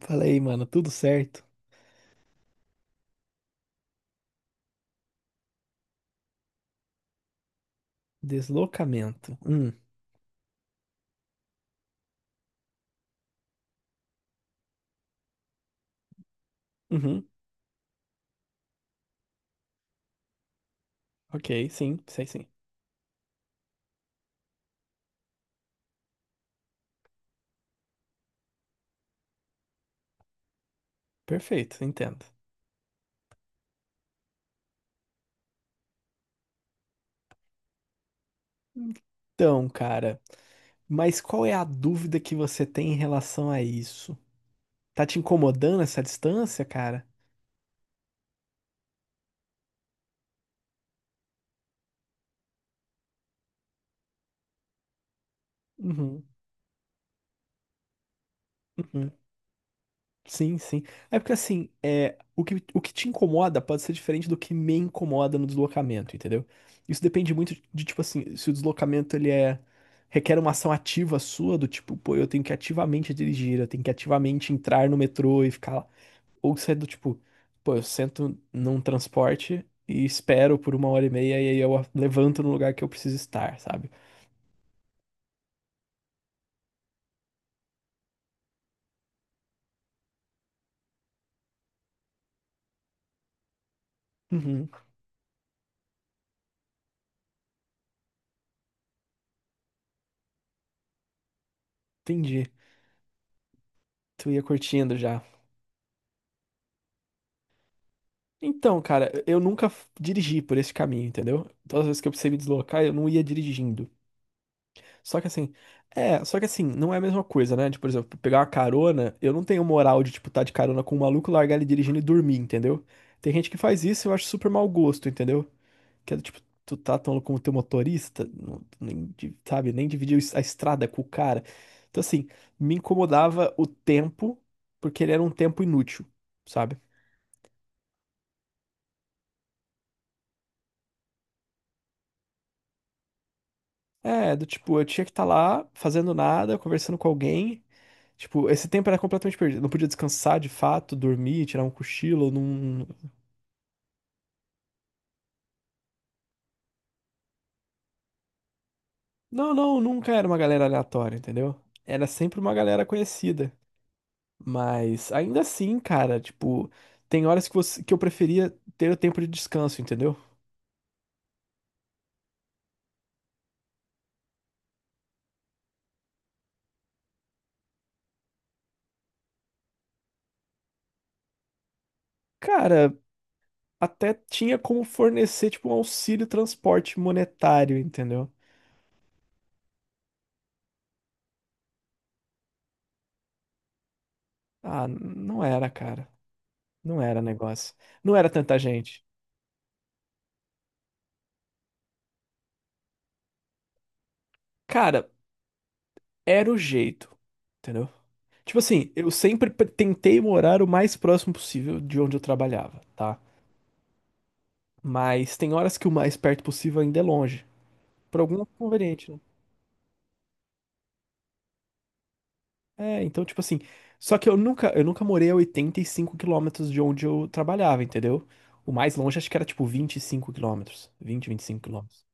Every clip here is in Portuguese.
Falei, mano, tudo certo? Deslocamento. Uhum, ok, sim, sei sim. Perfeito, entendo. Então, cara, mas qual é a dúvida que você tem em relação a isso? Tá te incomodando essa distância, cara? Uhum, uhum. Sim, sim. É porque assim, o que te incomoda pode ser diferente do que me incomoda no deslocamento, entendeu? Isso depende muito de, tipo assim, se o deslocamento requer uma ação ativa sua, do tipo, pô, eu tenho que ativamente dirigir, eu tenho que ativamente entrar no metrô e ficar lá. Ou se é do tipo, pô, eu sento num transporte e espero por uma hora e meia e aí eu levanto no lugar que eu preciso estar, sabe? Uhum, entendi. Tu ia curtindo já. Então, cara, eu nunca dirigi por esse caminho, entendeu? Todas as vezes que eu precisei me deslocar, eu não ia dirigindo. Só que assim, só que assim, não é a mesma coisa, né? Tipo, por exemplo, pegar uma carona, eu não tenho moral de, tipo, tá de carona com um maluco, largar ele dirigindo e dormir, entendeu? Tem gente que faz isso e eu acho super mau gosto, entendeu? Que é do tipo, tu tá tão como teu motorista, não- nem, di- sabe, nem dividiu a estrada com o cara. Então, assim, me incomodava o tempo, porque ele era um tempo inútil, sabe? É, do tipo, eu tinha que estar lá fazendo nada, conversando com alguém. Tipo, esse tempo era completamente perdido. Não podia descansar de fato, dormir, tirar um cochilo. Não, não, não, nunca era uma galera aleatória, entendeu? Era sempre uma galera conhecida. Mas ainda assim, cara, tipo, tem horas que, você, que eu preferia ter o tempo de descanso, entendeu? Cara, até tinha como fornecer, tipo, um auxílio transporte monetário, entendeu? Ah, não era, cara. Não era negócio. Não era tanta gente. Cara, era o jeito, entendeu? Tipo assim, eu sempre pre- tentei morar o mais próximo possível de onde eu trabalhava, tá? Mas tem horas que o mais perto possível ainda é longe, por algum conveniente, né? É, então tipo assim, só que eu nunca morei a 85 km de onde eu trabalhava, entendeu? O mais longe acho que era tipo 25 km, 25 km.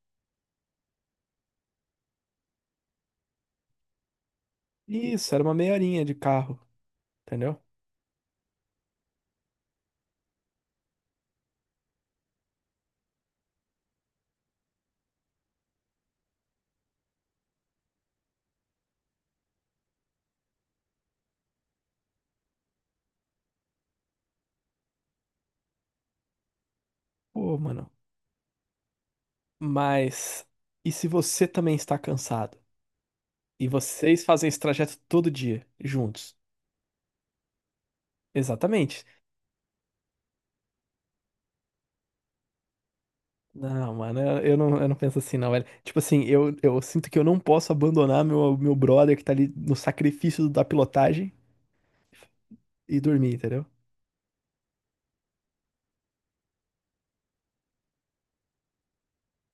Isso, era uma meia horinha de carro, entendeu? Pô, mano. Mas e se você também está cansado? E vocês fazem esse trajeto todo dia, juntos. Exatamente. Não, mano, eu não penso assim, não, velho. Tipo assim, eu sinto que eu não posso abandonar meu brother que tá ali no sacrifício da pilotagem e dormir, entendeu?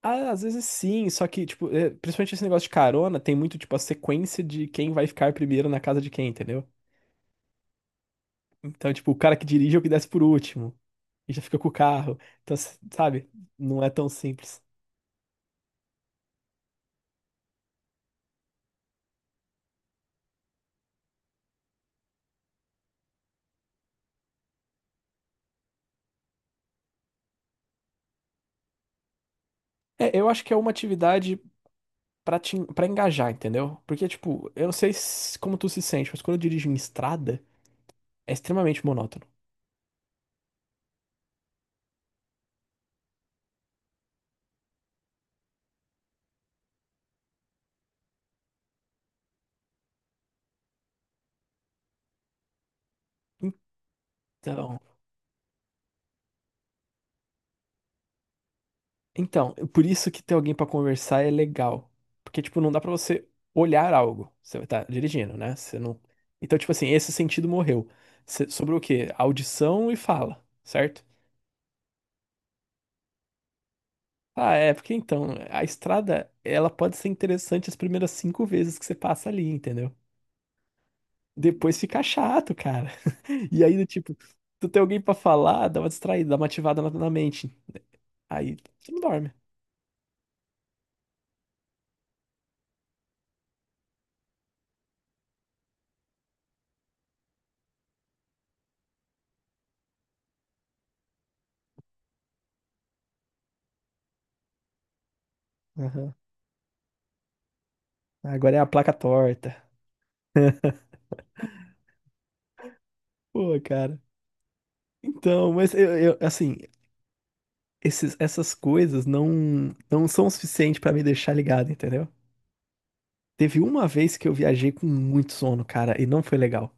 Ah, às vezes sim, só que, tipo, é, principalmente esse negócio de carona, tem muito, tipo, a sequência de quem vai ficar primeiro na casa de quem, entendeu? Então, tipo, o cara que dirige é o que desce por último e já fica com o carro. Então, s- sabe? Não é tão simples. É, eu acho que é uma atividade pra, te, pra engajar, entendeu? Porque, tipo, eu não sei se- como tu se sente, mas quando eu dirijo em estrada, é extremamente monótono. Então, então, por isso que ter alguém pra conversar é legal. Porque, tipo, não dá pra você olhar algo. Você tá dirigindo, né? Você não... Então, tipo assim, esse sentido morreu. Você- sobre o quê? Audição e fala, certo? Ah, é, porque então, a estrada, ela pode ser interessante as primeiras cinco vezes que você passa ali, entendeu? Depois fica chato, cara. E aí, do tipo, tu tem alguém pra falar, dá uma distraída, dá uma ativada na mente. Aí, tu não dorme. Aham. Agora é a placa torta. Pô, cara. Então, mas eu- assim, esses, essas coisas não são o suficiente pra me deixar ligado, entendeu? Teve uma vez que eu viajei com muito sono, cara, e não foi legal.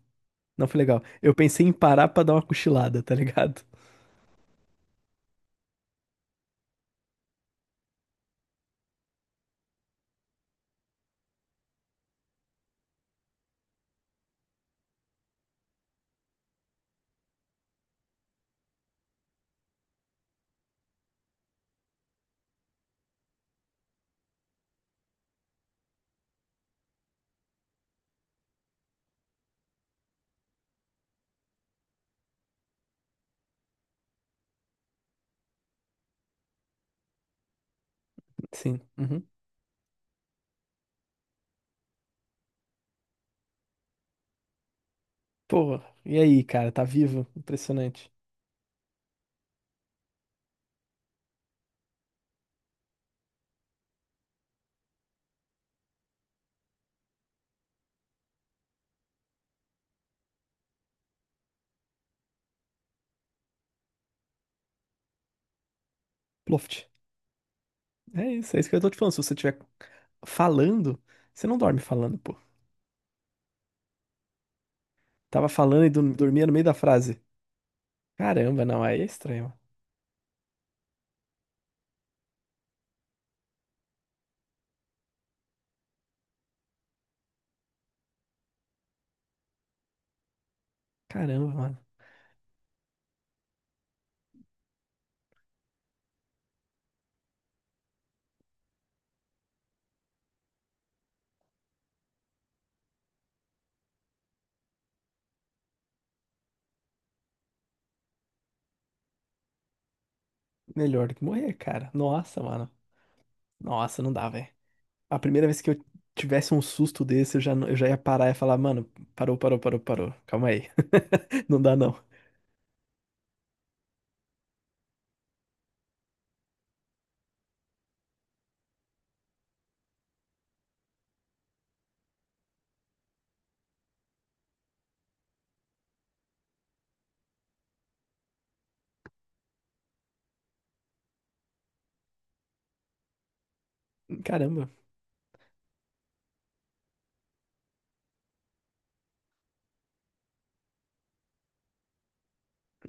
Não foi legal. Eu pensei em parar pra dar uma cochilada, tá ligado? Sim. Uhum. Pô, e aí, cara, tá vivo? Impressionante. Ploft. É isso que eu tô te falando. Se você estiver falando, você não dorme falando, pô. Tava falando e dorm- dormia no meio da frase. Caramba, não, aí é estranho. Mano. Caramba, mano. Melhor do que morrer, cara. Nossa, mano. Nossa, não dá, velho. A primeira vez que eu tivesse um susto desse, eu já, não- eu já ia parar e ia falar, mano, parou, parou, parou, parou. Calma aí. Não dá, não. Caramba.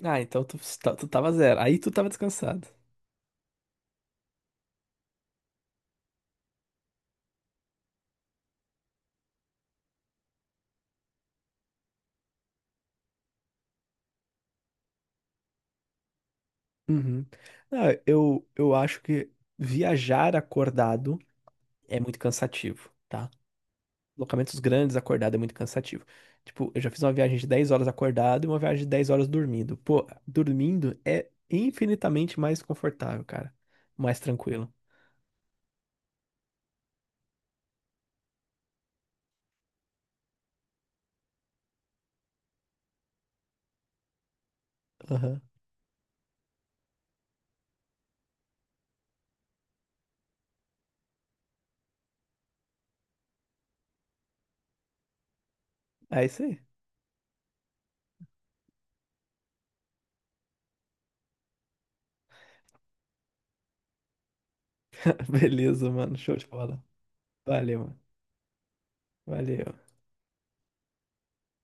Ah, então tu, tá- tu tava zero. Aí tu tava descansado. Uhum. Não, eu acho que viajar acordado é muito cansativo. Tá? Locamentos grandes, acordado é muito cansativo. Tipo, eu já fiz uma viagem de 10 horas acordado e uma viagem de 10 horas dormindo. Pô, dormindo é infinitamente mais confortável, cara. Mais tranquilo. Aham. É isso aí. Beleza, mano. Show de bola. Valeu, mano. Valeu.